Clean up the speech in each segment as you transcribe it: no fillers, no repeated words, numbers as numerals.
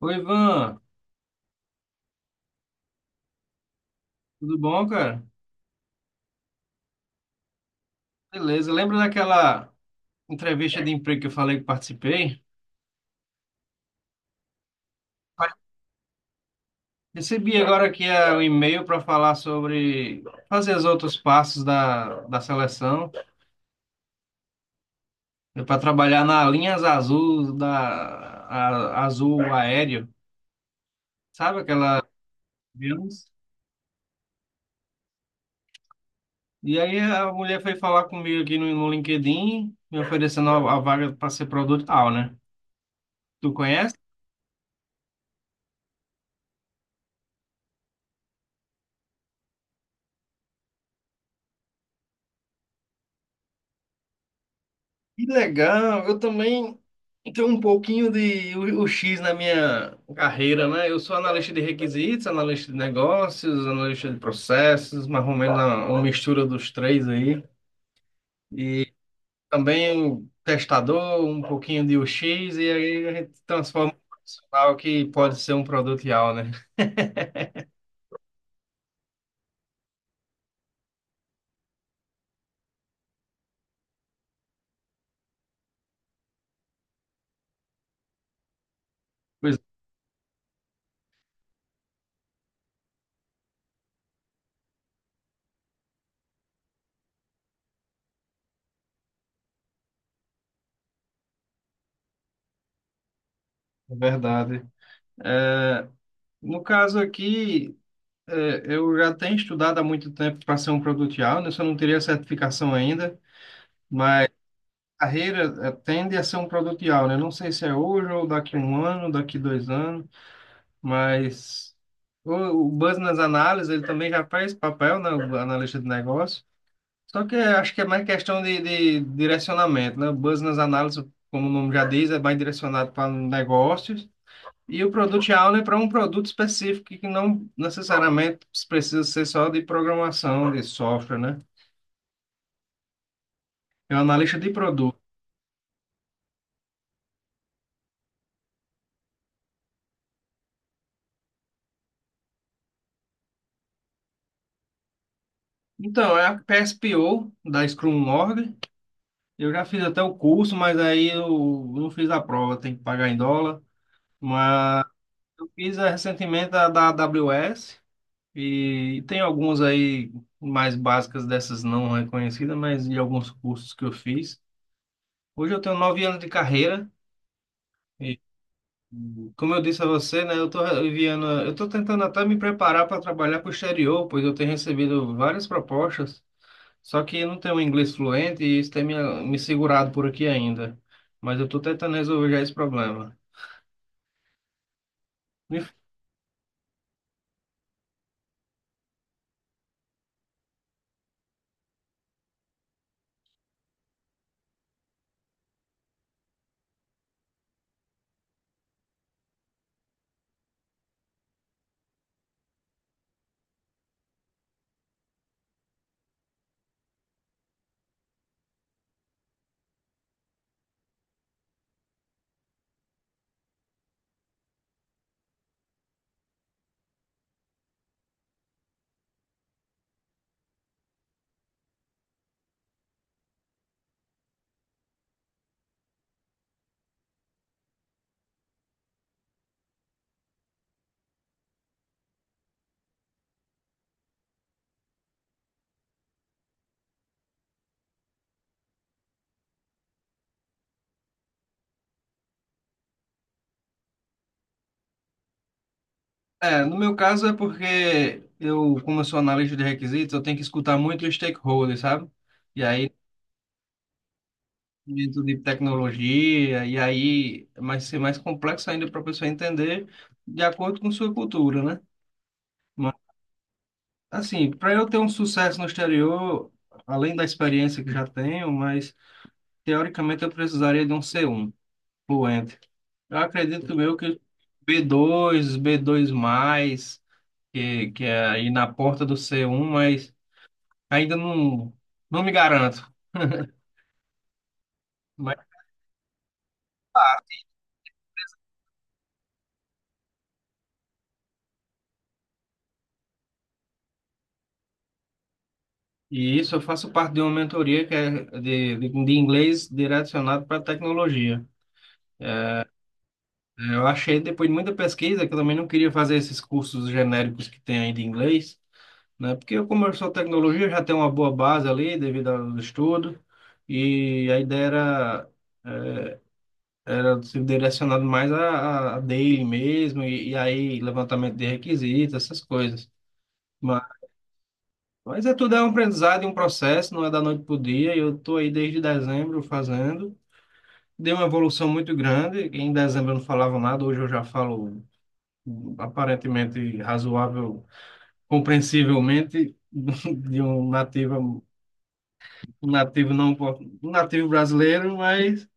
Oi, Ivan, tudo bom, cara? Beleza, lembra daquela entrevista de emprego que eu falei que participei? Recebi agora aqui um e-mail para falar sobre fazer os outros passos da seleção para trabalhar na linhas azul azul aéreo, sabe aquela? Vênus? E aí a mulher foi falar comigo aqui no LinkedIn, me oferecendo a vaga para ser produtor, né? Tu conhece? Que legal, eu também tenho um pouquinho de o X na minha carreira, né? Eu sou analista de requisitos, analista de negócios, analista de processos, mais ou menos uma mistura dos três aí. E também testador, um pouquinho de U x e aí a gente transforma um profissional que pode ser um produto real, né? Pois é, é verdade. É, no caso aqui, eu já tenho estudado há muito tempo para ser um produto real, né? Só não teria certificação ainda. Carreira tende a ser um produtial, né? Não sei se é hoje ou daqui a um ano, daqui 2 anos, mas o business analysis ele também já faz papel, né? O analista de negócio. Só que eu acho que é mais questão de direcionamento, né? O business analysis, como o nome já diz, é mais direcionado para negócios. E o product owner para um produto específico que não necessariamente precisa ser só de programação, de software, né? É um analista de produto. Então, é a PSPO da Scrum Org. Eu já fiz até o curso, mas aí eu não fiz a prova, tem que pagar em dólar. Mas eu fiz recentemente a da AWS e tem algumas aí mais básicas dessas não reconhecidas, mas de alguns cursos que eu fiz. Hoje eu tenho 9 anos de carreira e, como eu disse a você, né, eu estou enviando, eu estou tentando até me preparar para trabalhar para o exterior, pois eu tenho recebido várias propostas, só que eu não tenho um inglês fluente e isso tem me segurado por aqui ainda. Mas eu estou tentando resolver já esse problema. É, no meu caso é porque eu, como eu sou analista de requisitos, eu tenho que escutar muito os stakeholders, sabe? E aí, dentro de tecnologia, e aí vai ser mais complexo ainda para a pessoa entender de acordo com sua cultura, né? Mas, assim, para eu ter um sucesso no exterior, além da experiência que já tenho, mas teoricamente eu precisaria de um C1 fluente. Eu acredito meu que b dois B2+ que é aí na porta do C1, mas ainda não, não me garanto. Mas, e isso eu faço parte de uma mentoria que é de inglês direcionado para tecnologia. Eu achei, depois de muita pesquisa, que eu também não queria fazer esses cursos genéricos que tem aí de inglês, né? Porque eu, como eu sou tecnologia, eu já tenho uma boa base ali devido ao estudo, e a ideia era ser direcionado mais a daily mesmo, e aí levantamento de requisitos, essas coisas. Mas é tudo é um aprendizado e um processo, não é da noite para o dia. Eu estou aí desde dezembro fazendo. Deu uma evolução muito grande. Em dezembro eu não falava nada, hoje eu já falo aparentemente razoável, compreensivelmente, de um nativo não, um nativo brasileiro, mas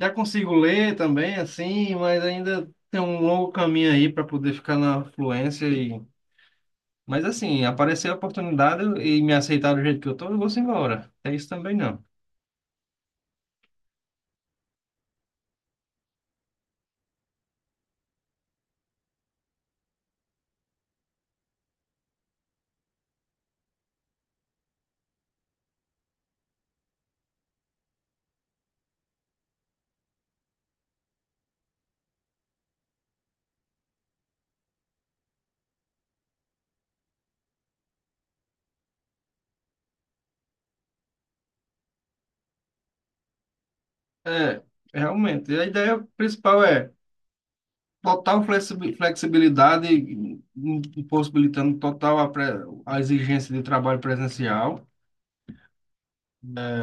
já consigo ler também, assim, mas ainda tem um longo caminho aí para poder ficar na fluência e mas assim, aparecer a oportunidade e me aceitar do jeito que eu tô, eu vou embora. É isso também não. É, realmente. A ideia principal é total flexibilidade, possibilitando total a exigência de trabalho presencial, né?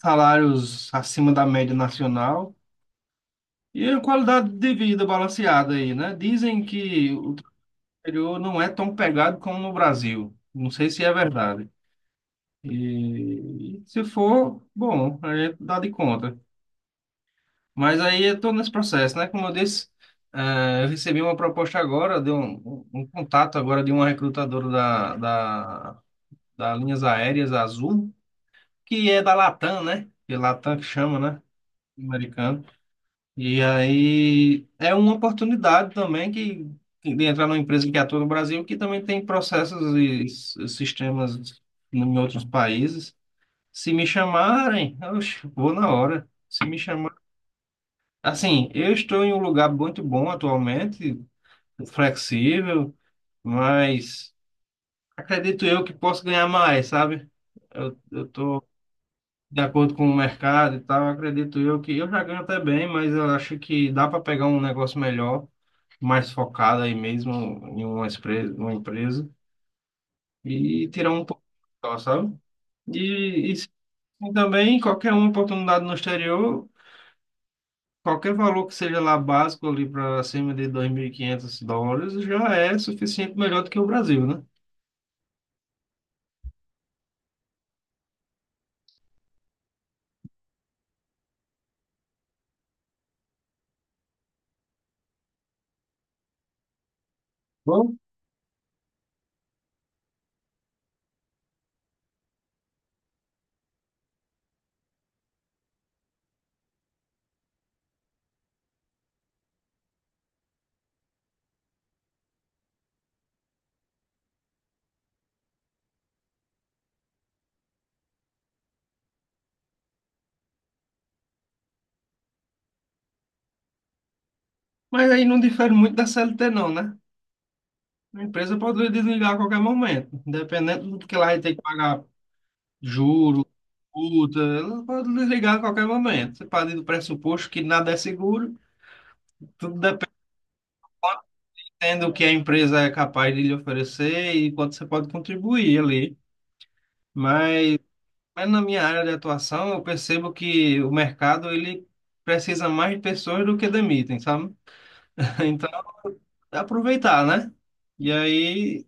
Salários acima da média nacional e a qualidade de vida balanceada aí, né? Dizem que o exterior não é tão pegado como no Brasil. Não sei se é verdade. E se for, bom, a gente dá de conta. Mas aí eu tô nesse processo, né? Como eu disse, eu recebi uma proposta agora, de um contato agora de uma recrutadora da Linhas Aéreas Azul, que é da Latam, né? Que é Latam que chama, né? Americano. E aí é uma oportunidade também que de entrar numa empresa que atua no Brasil, que também tem processos e sistemas em outros países. Se me chamarem, eu vou na hora. Se me chamarem. Assim, eu estou em um lugar muito bom atualmente, flexível, mas acredito eu que posso ganhar mais, sabe? Eu estou de acordo com o mercado e tal, acredito eu que eu já ganho até bem, mas eu acho que dá para pegar um negócio melhor, mais focado aí mesmo em uma empresa e tirar um pouco, só, sabe? E, e também qualquer uma oportunidade no exterior. Qualquer valor que seja lá básico ali para acima de US$ 2.500 já é suficiente melhor do que o Brasil, né? Bom, mas aí não difere muito da CLT não, né? A empresa pode desligar a qualquer momento, independente do que lá tem que pagar juro, multa, ela pode desligar a qualquer momento. Você parte do pressuposto que nada é seguro, tudo dependendo do que a empresa é capaz de lhe oferecer e quanto você pode contribuir ali. Mas Mas na minha área de atuação, eu percebo que o mercado ele precisa mais de pessoas do que demitem, sabe? Então, é aproveitar, né? E aí,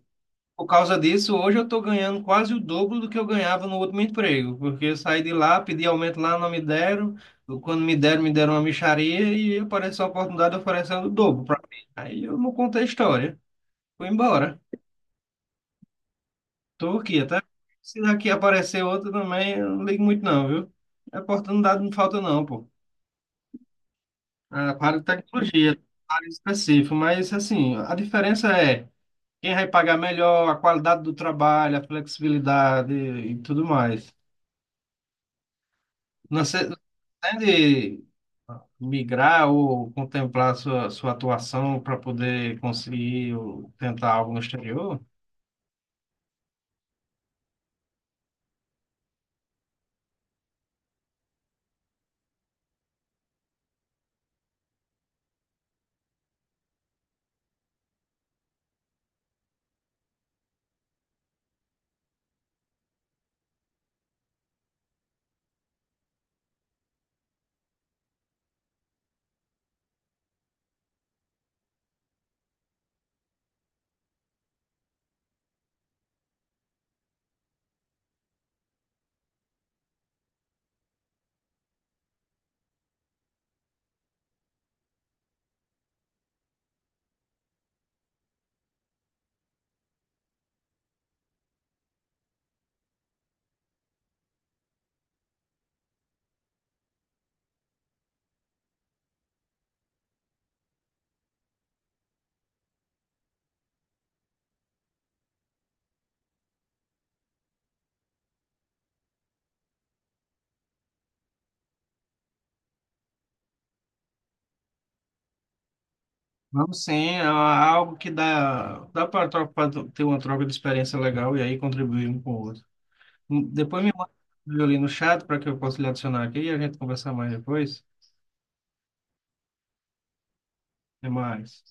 por causa disso, hoje eu estou ganhando quase o dobro do que eu ganhava no último emprego, porque eu saí de lá, pedi aumento lá, não me deram. Quando me deram uma mixaria e apareceu a oportunidade oferecendo o dobro para mim. Aí eu não contei a história. Fui embora. Estou aqui até. Se daqui aparecer outra também, eu não ligo muito não, viu? Oportunidade não falta não, pô. Ah, para tecnologia, para específico, mas assim, a diferença é quem vai pagar melhor, a qualidade do trabalho, a flexibilidade e tudo mais. Não sei, pretende migrar ou contemplar sua atuação para poder conseguir ou tentar algo no exterior? Vamos sim, é algo que dá, dá para ter uma troca de experiência legal e aí contribuir um com o outro. Depois me manda ali no chat para que eu possa lhe adicionar aqui e a gente conversar mais depois. Até mais.